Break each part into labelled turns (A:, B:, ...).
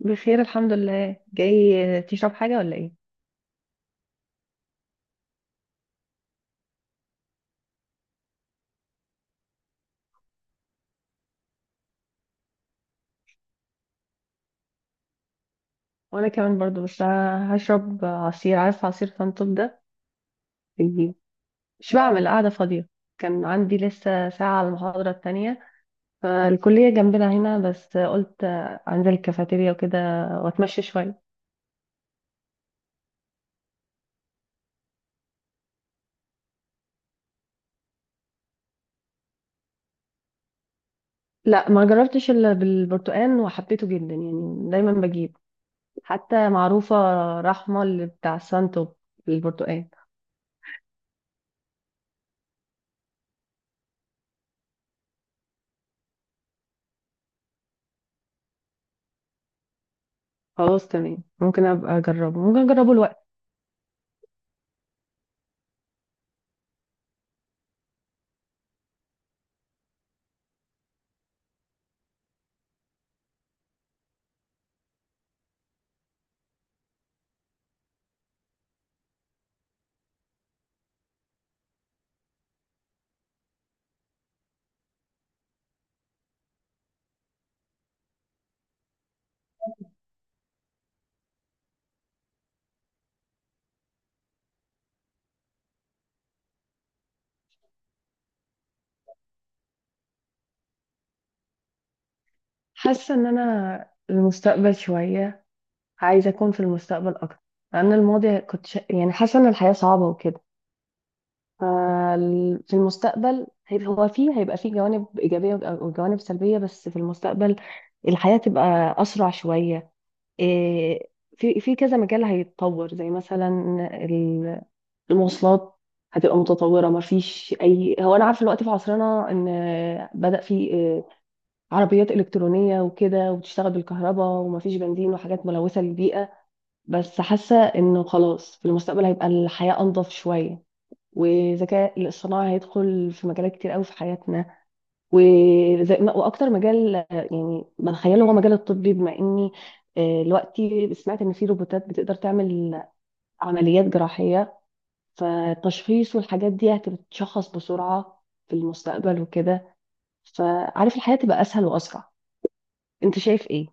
A: بخير الحمد لله. جاي تشرب حاجة ولا ايه؟ وانا كمان برضو، بس هشرب عصير. عارف عصير سنتوب ده؟ بجيب. مش بعمل قاعدة فاضية. كان عندي لسه ساعة على المحاضرة التانية، فالكلية جنبنا هنا، بس قلت انزل الكافيتيريا وكده واتمشى شوية. لا، ما جربتش الا بالبرتقال وحبيته جدا، يعني دايما بجيب، حتى معروفة رحمة اللي بتاع السنتوب البرتقال. خلاص، تمام، ممكن ابقى اجربه، ممكن اجربه. حاسة ان انا المستقبل شوية، عايزة اكون في المستقبل اكتر. لان الماضي يعني حاسة ان الحياة صعبة وكده. في المستقبل هيبقى فيه جوانب ايجابية وجوانب سلبية، بس في المستقبل الحياة تبقى اسرع شوية. إيه، في كذا مجال هيتطور، زي مثلا ال- المواصلات هتبقى متطورة، ما فيش اي، هو انا عارفة الوقت في عصرنا ان بدأ في عربيات إلكترونية وكده، وبتشتغل بالكهرباء ومفيش بنزين وحاجات ملوثة للبيئة. بس حاسة إنه خلاص في المستقبل هيبقى الحياة أنظف شوية. والذكاء الاصطناعي هيدخل في مجالات كتير قوي في حياتنا. وزي ما، واكتر مجال يعني بتخيله هو مجال الطبي، بما اني دلوقتي سمعت ان في روبوتات بتقدر تعمل عمليات جراحية، فالتشخيص والحاجات دي هتتشخص بسرعة في المستقبل وكده. فعارف الحياة تبقى اسهل واسرع. انت شايف ايه؟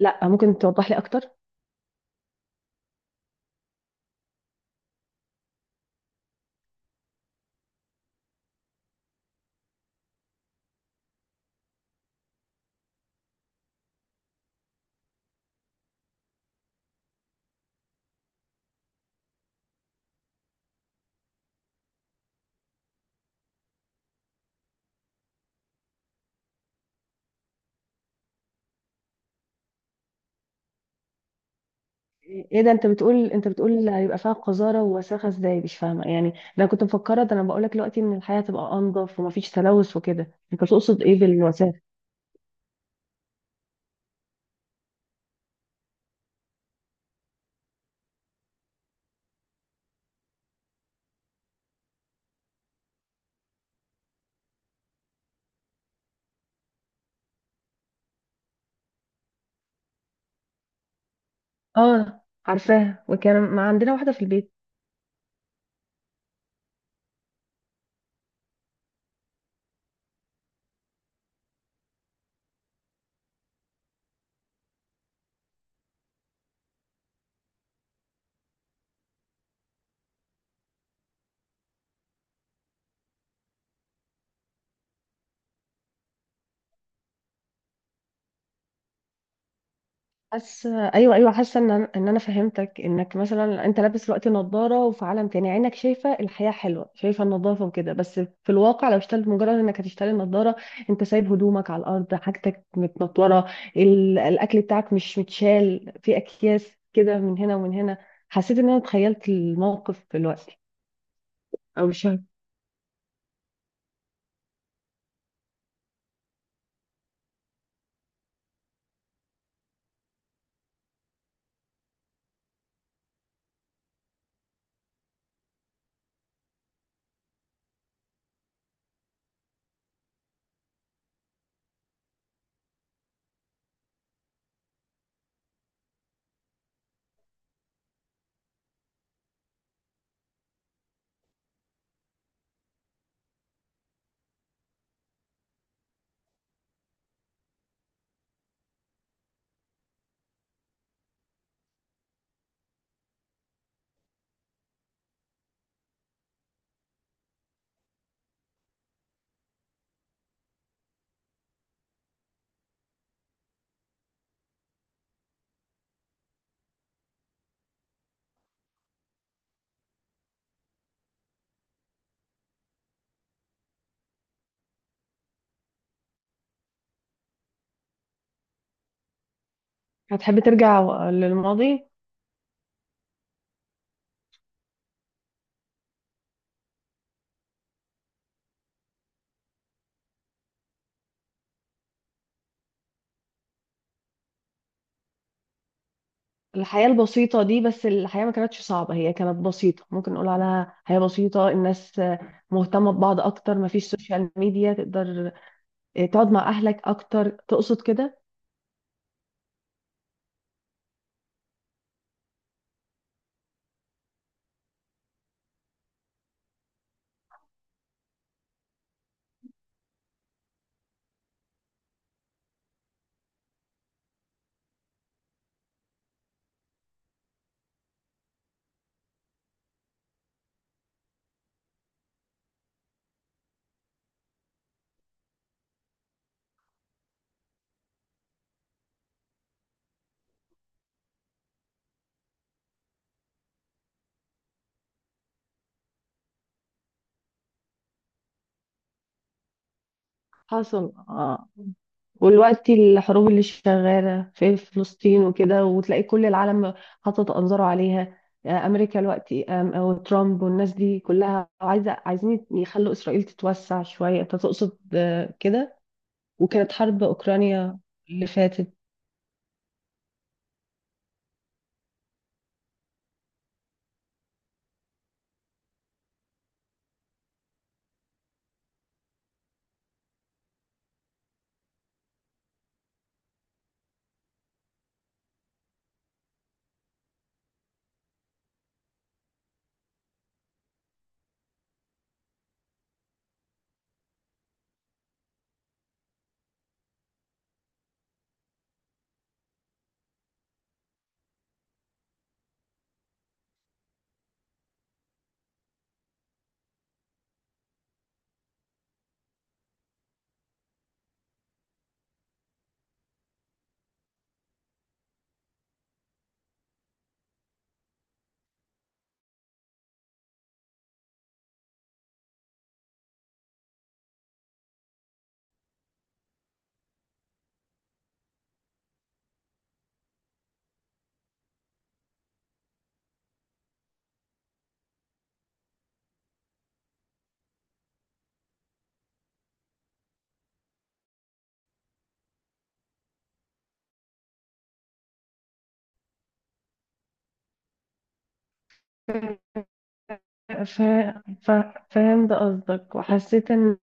A: لا، ممكن توضح لي اكتر؟ ايه ده؟ انت بتقول هيبقى فيها قذاره ووساخه ازاي؟ مش فاهمه يعني. ده انا كنت مفكره، ده انا بقول لك دلوقتي ان الحياه تبقى انضف ومفيش تلوث وكده. انت تقصد ايه بالوساخه؟ اه، عارفاها، وكان ما عندنا واحده في البيت. حاسه، ايوه، ايوه، حاسه ان انا فهمتك، انك مثلا انت لابس دلوقتي نظاره، وفي عالم تاني عينك شايفه الحياه حلوه، شايفه النظافه وكده، بس في الواقع لو اشتغلت، مجرد انك هتشتري النظاره انت سايب هدومك على الارض، حاجتك متنطوره، الاكل بتاعك مش متشال في اكياس كده من هنا ومن هنا. حسيت ان انا تخيلت الموقف دلوقتي، او مش عارفة. هتحب ترجع للماضي؟ الحياة البسيطة دي، بس الحياة ما كانتش صعبة، هي كانت بسيطة، ممكن نقول عليها حياة بسيطة، الناس مهتمة ببعض أكتر، ما فيش سوشيال ميديا، تقدر تقعد مع أهلك أكتر. تقصد كده؟ حصل، اه. والوقت الحروب اللي شغالة في فلسطين وكده، وتلاقي كل العالم حاطط أنظاره عليها. أمريكا دلوقتي، وترامب والناس دي كلها عايزين يخلوا إسرائيل تتوسع شوية. أنت تقصد كده. وكانت حرب أوكرانيا اللي فاتت. ف... ف... فهمت قصدك، وحسيت ان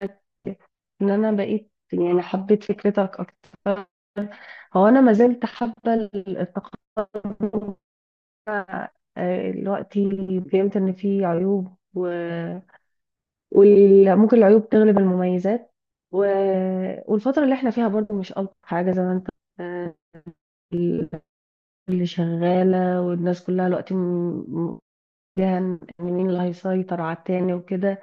A: ان انا بقيت، يعني حبيت فكرتك اكتر. هو انا ما زلت حابه التقدم ده. دلوقتي فهمت ان في عيوب، وممكن العيوب تغلب المميزات، و... والفتره اللي احنا فيها برضو مش الطف حاجه، زي ما انت، آه، اللي شغاله، والناس كلها دلوقتي م- فيها ان مين اللي هيسيطر على التاني وكده.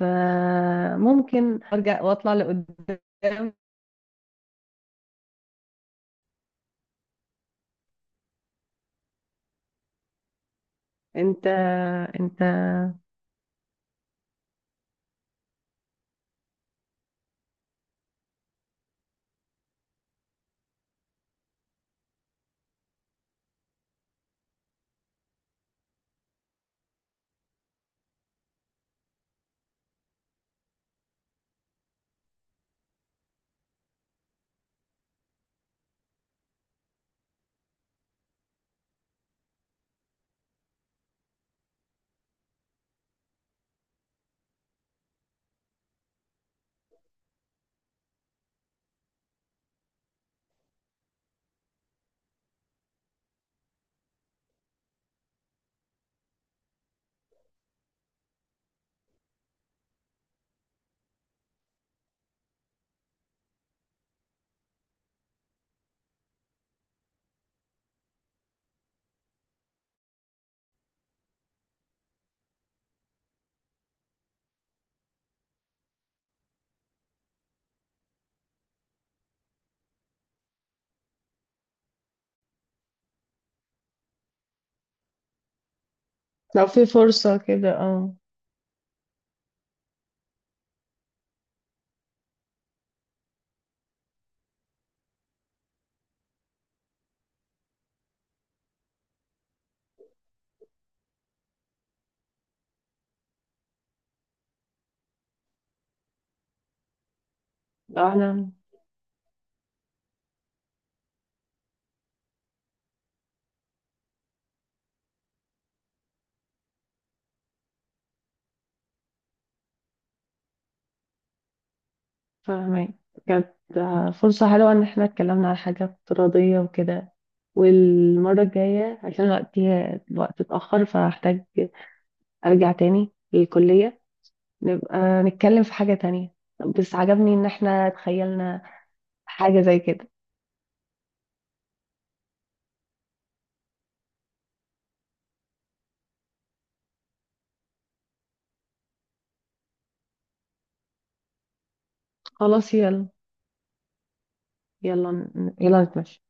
A: فممكن ارجع واطلع لقدام. انت انت لو في فرصة كده، اه. لو احنا فاهمين. كانت فرصة حلوة ان احنا اتكلمنا على حاجة افتراضية وكده. والمرة الجاية، عشان وقتي، الوقت اتأخر، فهحتاج ارجع تاني للكلية. نبقى نتكلم في حاجة تانية. بس عجبني ان احنا تخيلنا حاجة زي كده. خلاص، يلا يلا يلا نتمشى.